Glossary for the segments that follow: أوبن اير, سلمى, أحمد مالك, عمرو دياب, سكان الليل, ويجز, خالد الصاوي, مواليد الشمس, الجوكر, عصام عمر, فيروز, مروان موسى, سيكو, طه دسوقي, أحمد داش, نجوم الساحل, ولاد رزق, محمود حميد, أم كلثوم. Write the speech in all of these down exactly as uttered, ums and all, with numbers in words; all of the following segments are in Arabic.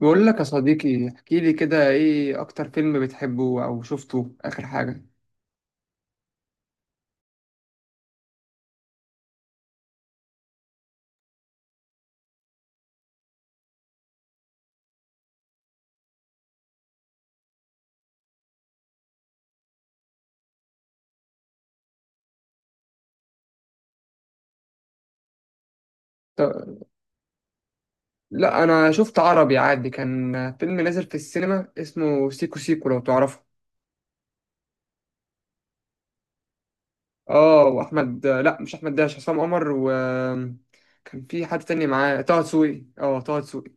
بقول لك يا صديقي، احكي لي كده، ايه اكتر فيلم بتحبه او شفته اخر حاجة؟ ط- لا، انا شفت عربي عادي، كان فيلم نازل في السينما اسمه سيكو سيكو لو تعرفه. اه، واحمد، لا مش احمد داش، عصام عمر و كان في حد تاني معاه طه دسوقي. اه، طه دسوقي.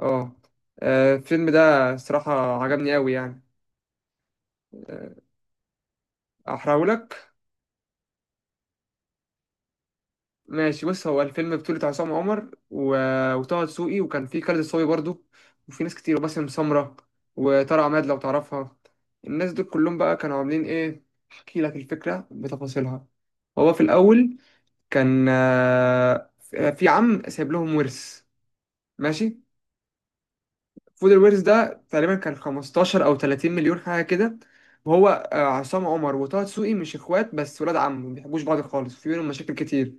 اه. آه، الفيلم ده صراحة عجبني قوي يعني. احرقه؟ ماشي، بص، هو الفيلم بطولة عصام عمر و... وطه دسوقي، وكان فيه خالد الصاوي برضو، وفي ناس كتير، وباسم سمرة، وطارق عماد لو تعرفها. الناس دول كلهم بقى كانوا عاملين ايه؟ احكي لك الفكرة بتفاصيلها. هو في الأول كان، آه، في عم سايب لهم ورث. ماشي. فود الورث ده تقريبا كان خمستاشر أو تلاتين مليون حاجة كده. وهو، آه، عصام عمر وطه دسوقي مش اخوات بس ولاد عم، ما بيحبوش بعض خالص، في بينهم مشاكل كتير.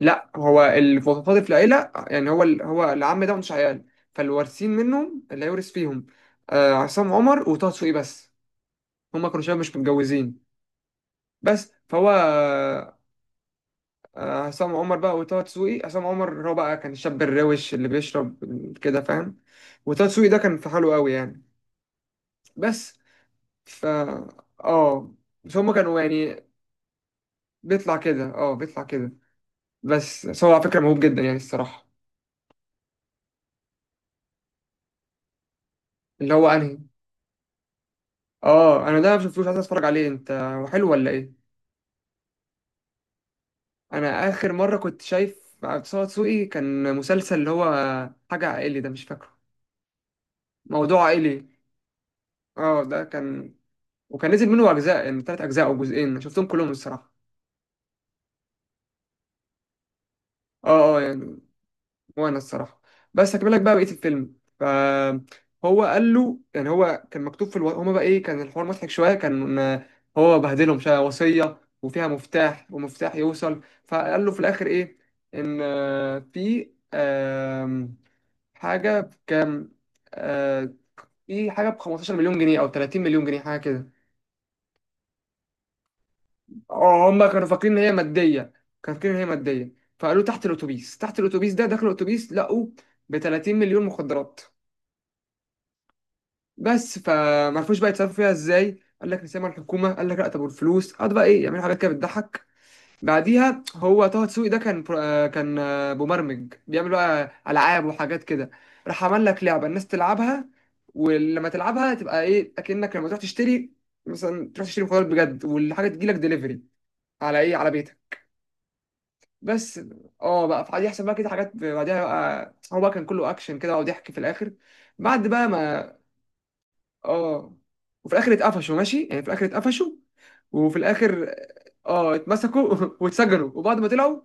لا، هو المتفاضل في العيلة يعني، هو ال... هو العم ده مش عيال، فالوارثين منهم اللي هيورث فيهم، آه عصام عمر وطه دسوقي بس. هما كانوا شباب مش متجوزين. بس فهو، آه آه، عصام عمر بقى وطه دسوقي، عصام عمر هو بقى كان الشاب الروش اللي بيشرب كده، فاهم؟ وطه دسوقي ده كان في حاله قوي يعني. بس. ف، اه بس هما كانوا يعني، بيطلع كده، اه بيطلع كده. بس بس، هو على فكرة موهوب جدا يعني الصراحة. اللي هو انهي؟ اه. انا ده ما شفتوش، عايز اتفرج عليه، انت هو حلو ولا ايه؟ انا اخر مره كنت شايف مع طه دسوقي كان مسلسل، اللي هو حاجه عائلي، ده مش فاكره، موضوع عائلي. اه، ده كان، وكان نزل منه اجزاء، يعني ثلاث اجزاء او جزئين، أنا شفتهم كلهم الصراحه. اه، اه، يعني. وانا الصراحه، بس هكمل لك بقى بقيه الفيلم. فهو قال له يعني، هو كان مكتوب في الو... هما بقى ايه، كان الحوار مضحك شويه. كان، آه، هو بهدلهم شويه وصيه، وفيها مفتاح، ومفتاح يوصل، فقال له في الاخر ايه، ان، آه، في، آم، حاجه بكام، آه، في حاجه ب خمستاشر مليون جنيه او ثلاثين مليون جنيه حاجه كده. آه، هما كانوا فاكرين ان هي ماديه. كانوا فاكرين ان هي ماديه. فقالوا تحت الاتوبيس، تحت الاتوبيس، ده داخل الاتوبيس لقوا ب تلاتين مليون مخدرات. بس فما عرفوش بقى يتصرفوا فيها ازاي، قال لك نسيبها مع الحكومه، قال لك لا، طب والفلوس. قعد بقى ايه يعملوا حاجات كده بتضحك. بعديها، هو طه دسوقي ده كان برو- آه، كان آه، مبرمج، بيعمل بقى العاب وحاجات كده. راح عمل لك لعبه الناس تلعبها، ولما تلعبها تبقى ايه، اكنك لما تروح تشتري، مثلا تروح تشتري مخدرات بجد، والحاجه تجي لك دليفري على ايه، على بيتك. بس. اه بقى فعادي يحصل بقى كده حاجات. بعديها بقى، هو بقى كان كله اكشن كده، وضحك في الاخر. بعد بقى ما، اه وفي الاخر اتقفشوا، ماشي، يعني في الاخر اتقفشوا. وفي الاخر اه اتمسكوا واتسجنوا، وبعد ما طلعوا،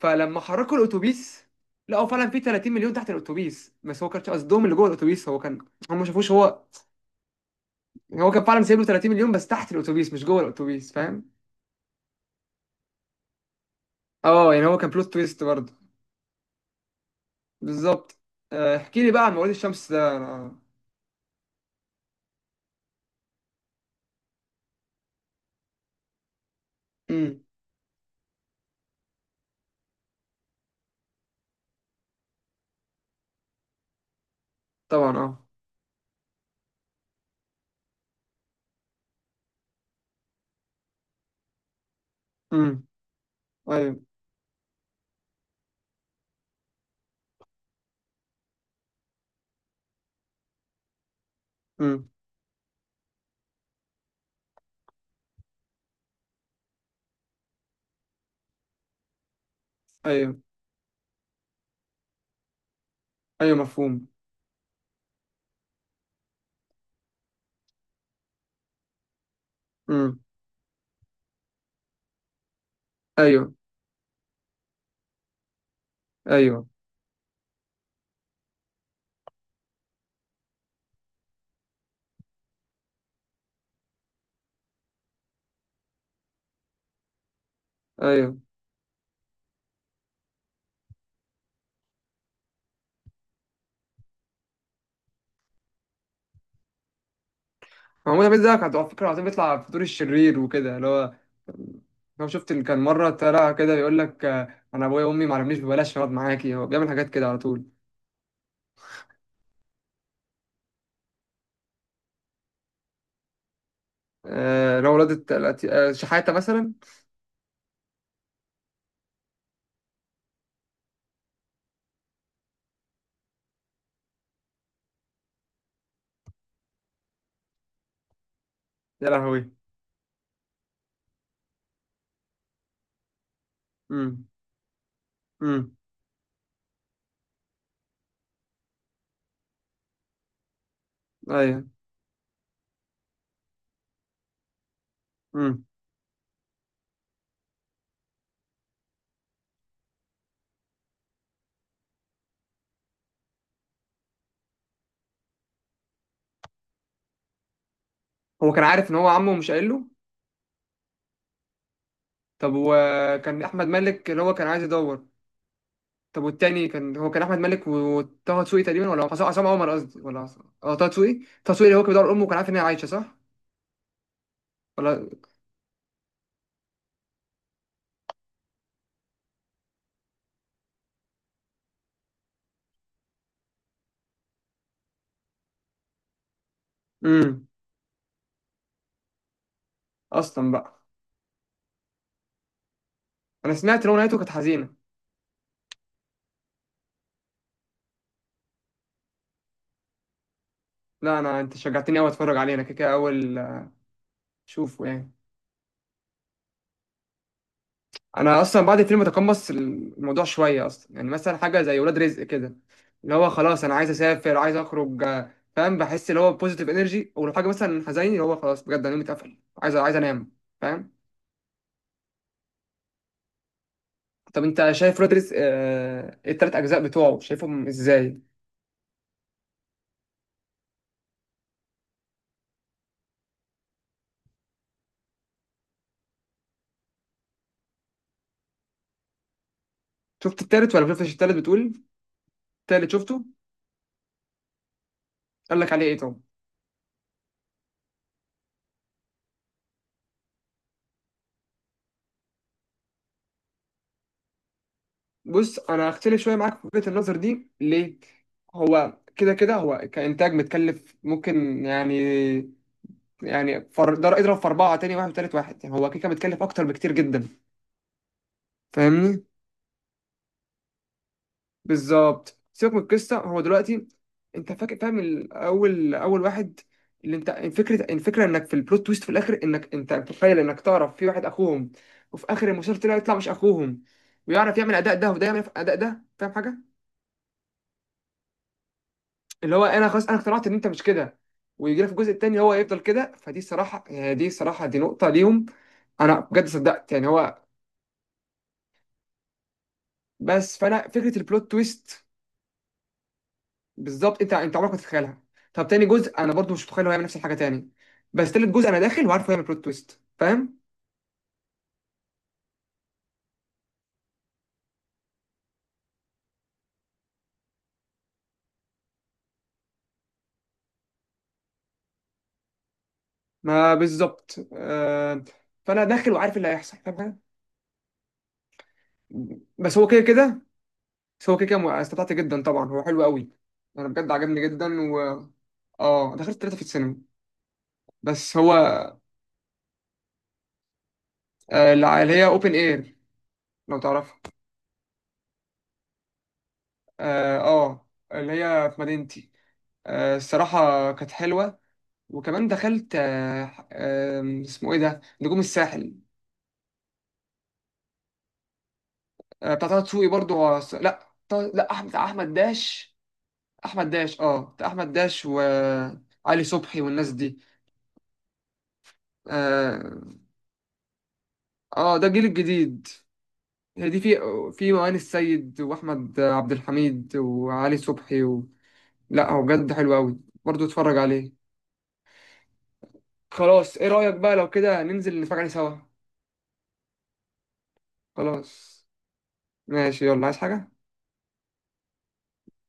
فلما حركوا الاتوبيس لقوا فعلا في ثلاثين مليون تحت الاتوبيس، بس هو كانش قصدهم اللي جوه الاتوبيس، هو كان، هم ما شافوش. هو يعني هو كان فعلا سايب له تلاتين مليون بس تحت الاتوبيس، مش جوه الاتوبيس، فاهم؟ اه، يعني هو كان بلوت تويست برضه. بالظبط. آه، احكي لي بقى عن مواليد الشمس ده، أنا. امم. طبعا اه. امم. ايوه. امم. ايوه، ايوه مفهوم. امم. ايوه. ايوه، ايوه. محمود حميد ده كان على فكرة العظيم، بيطلع في دور الشرير وكده، اللي هو لو شفت اللي كان مرة طلع كده بيقول لك، آه، أنا أبويا وأمي ما علمنيش، ببلاش أقعد معاكي. هو بيعمل حاجات كده على طول. آه، لو ولادة الأت- آه، شحاتة مثلا. يا لهوي. أمم. أمم. أيوه. أمم. هو كان عارف إن هو عمه، مش قايل له. طب، وكان أحمد مالك اللي هو كان عايز يدور. طب، والتاني كان، هو كان أحمد مالك و- وطه دسوقي تقريبا، ولا عصام عصام عمر قصدي، ولا عصام، أه طه دسوقي. طه دسوقي اللي هو كان بيدور أمه، وكان عارف إن هي عايشة، صح؟ ولا. أمم. أصلا بقى. انا سمعت ان هو نهايته كانت حزينه. لا، انا، انت شجعتني قوي اتفرج عليه، انا كده كده اول شوفه يعني. انا اصلا بعد الفيلم تقمص الموضوع شويه اصلا، يعني مثلا حاجه زي ولاد رزق كده، اللي هو خلاص انا عايز اسافر، عايز اخرج، آه، فاهم؟ بحس اللي هو بوزيتيف انرجي. ولو حاجه مثلا حزيني، اللي هو خلاص بجد، انا يومي اتقفل، عايز عايز انام، فاهم؟ طب، انت شايف ولاد رزق، آه، إيه التلات اجزاء بتوعه شايفهم ازاي؟ شفت التالت ولا مشفتش؟ التالت بتقول. التالت شفته. قال لك عليه ايه طب؟ بص، انا هختلف شويه معاك في وجهه النظر دي ليه. هو كده كده، هو كانتاج متكلف ممكن يعني، يعني فر... در... اضرب في اربعه، تاني واحد، تالت واحد، يعني هو كده كده متكلف اكتر بكتير جدا. فاهمني؟ بالظبط. سيبك من القصه، هو دلوقتي انت فاكر فاهم الاول، اول واحد اللي انت، الفكره الفكره انك في البلوت تويست في الاخر، انك انت متخيل انك تعرف في واحد اخوهم، وفي اخر المسلسل طلع، يطلع مش اخوهم. ويعرف يعمل اداء ده، وده يعمل اداء ده، فاهم حاجه؟ اللي هو انا خلاص، انا اقتنعت ان انت مش كده. ويجي لك في الجزء التاني هو يفضل كده، فدي الصراحه يعني، دي الصراحه، دي نقطه ليهم، انا بجد صدقت يعني هو. بس فانا فكره البلوت تويست، بالظبط. انت انت عمرك ما تتخيلها. طب تاني جزء انا برضو مش متخيل هو هيعمل نفس الحاجه تاني. بس تالت جزء انا داخل وعارف هو هيعمل بلوت تويست، فاهم؟ ما بالظبط، آه فانا داخل وعارف اللي هيحصل، فاهم حاجة؟ بس هو كده كده. بس هو كده كده استمتعت جدا طبعا، هو حلو قوي. انا بجد عجبني جدا و اه دخلت ثلاثه في السينما. بس هو، آه، الع- اللي هي اوبن اير لو تعرفها. اه، آه، اللي هي في مدينتي. آه، الصراحة كانت حلوة. وكمان دخلت آه، آم، اسمه ايه ده، نجوم الساحل. آه، بتاع طه دسوقي برضه، هو س- لا طه- لا احمد، بتاع احمد داش. احمد داش، اه، بتاع احمد داش وعلي صبحي والناس دي. اه، آه، ده الجيل الجديد. هي دي في في مؤان السيد واحمد عبد الحميد وعلي صبحي و. لا هو بجد حلو قوي، برضه اتفرج عليه. خلاص، ايه رأيك بقى لو كده ننزل نتفرج عليه سوا. خلاص ماشي، يلا عايز حاجة؟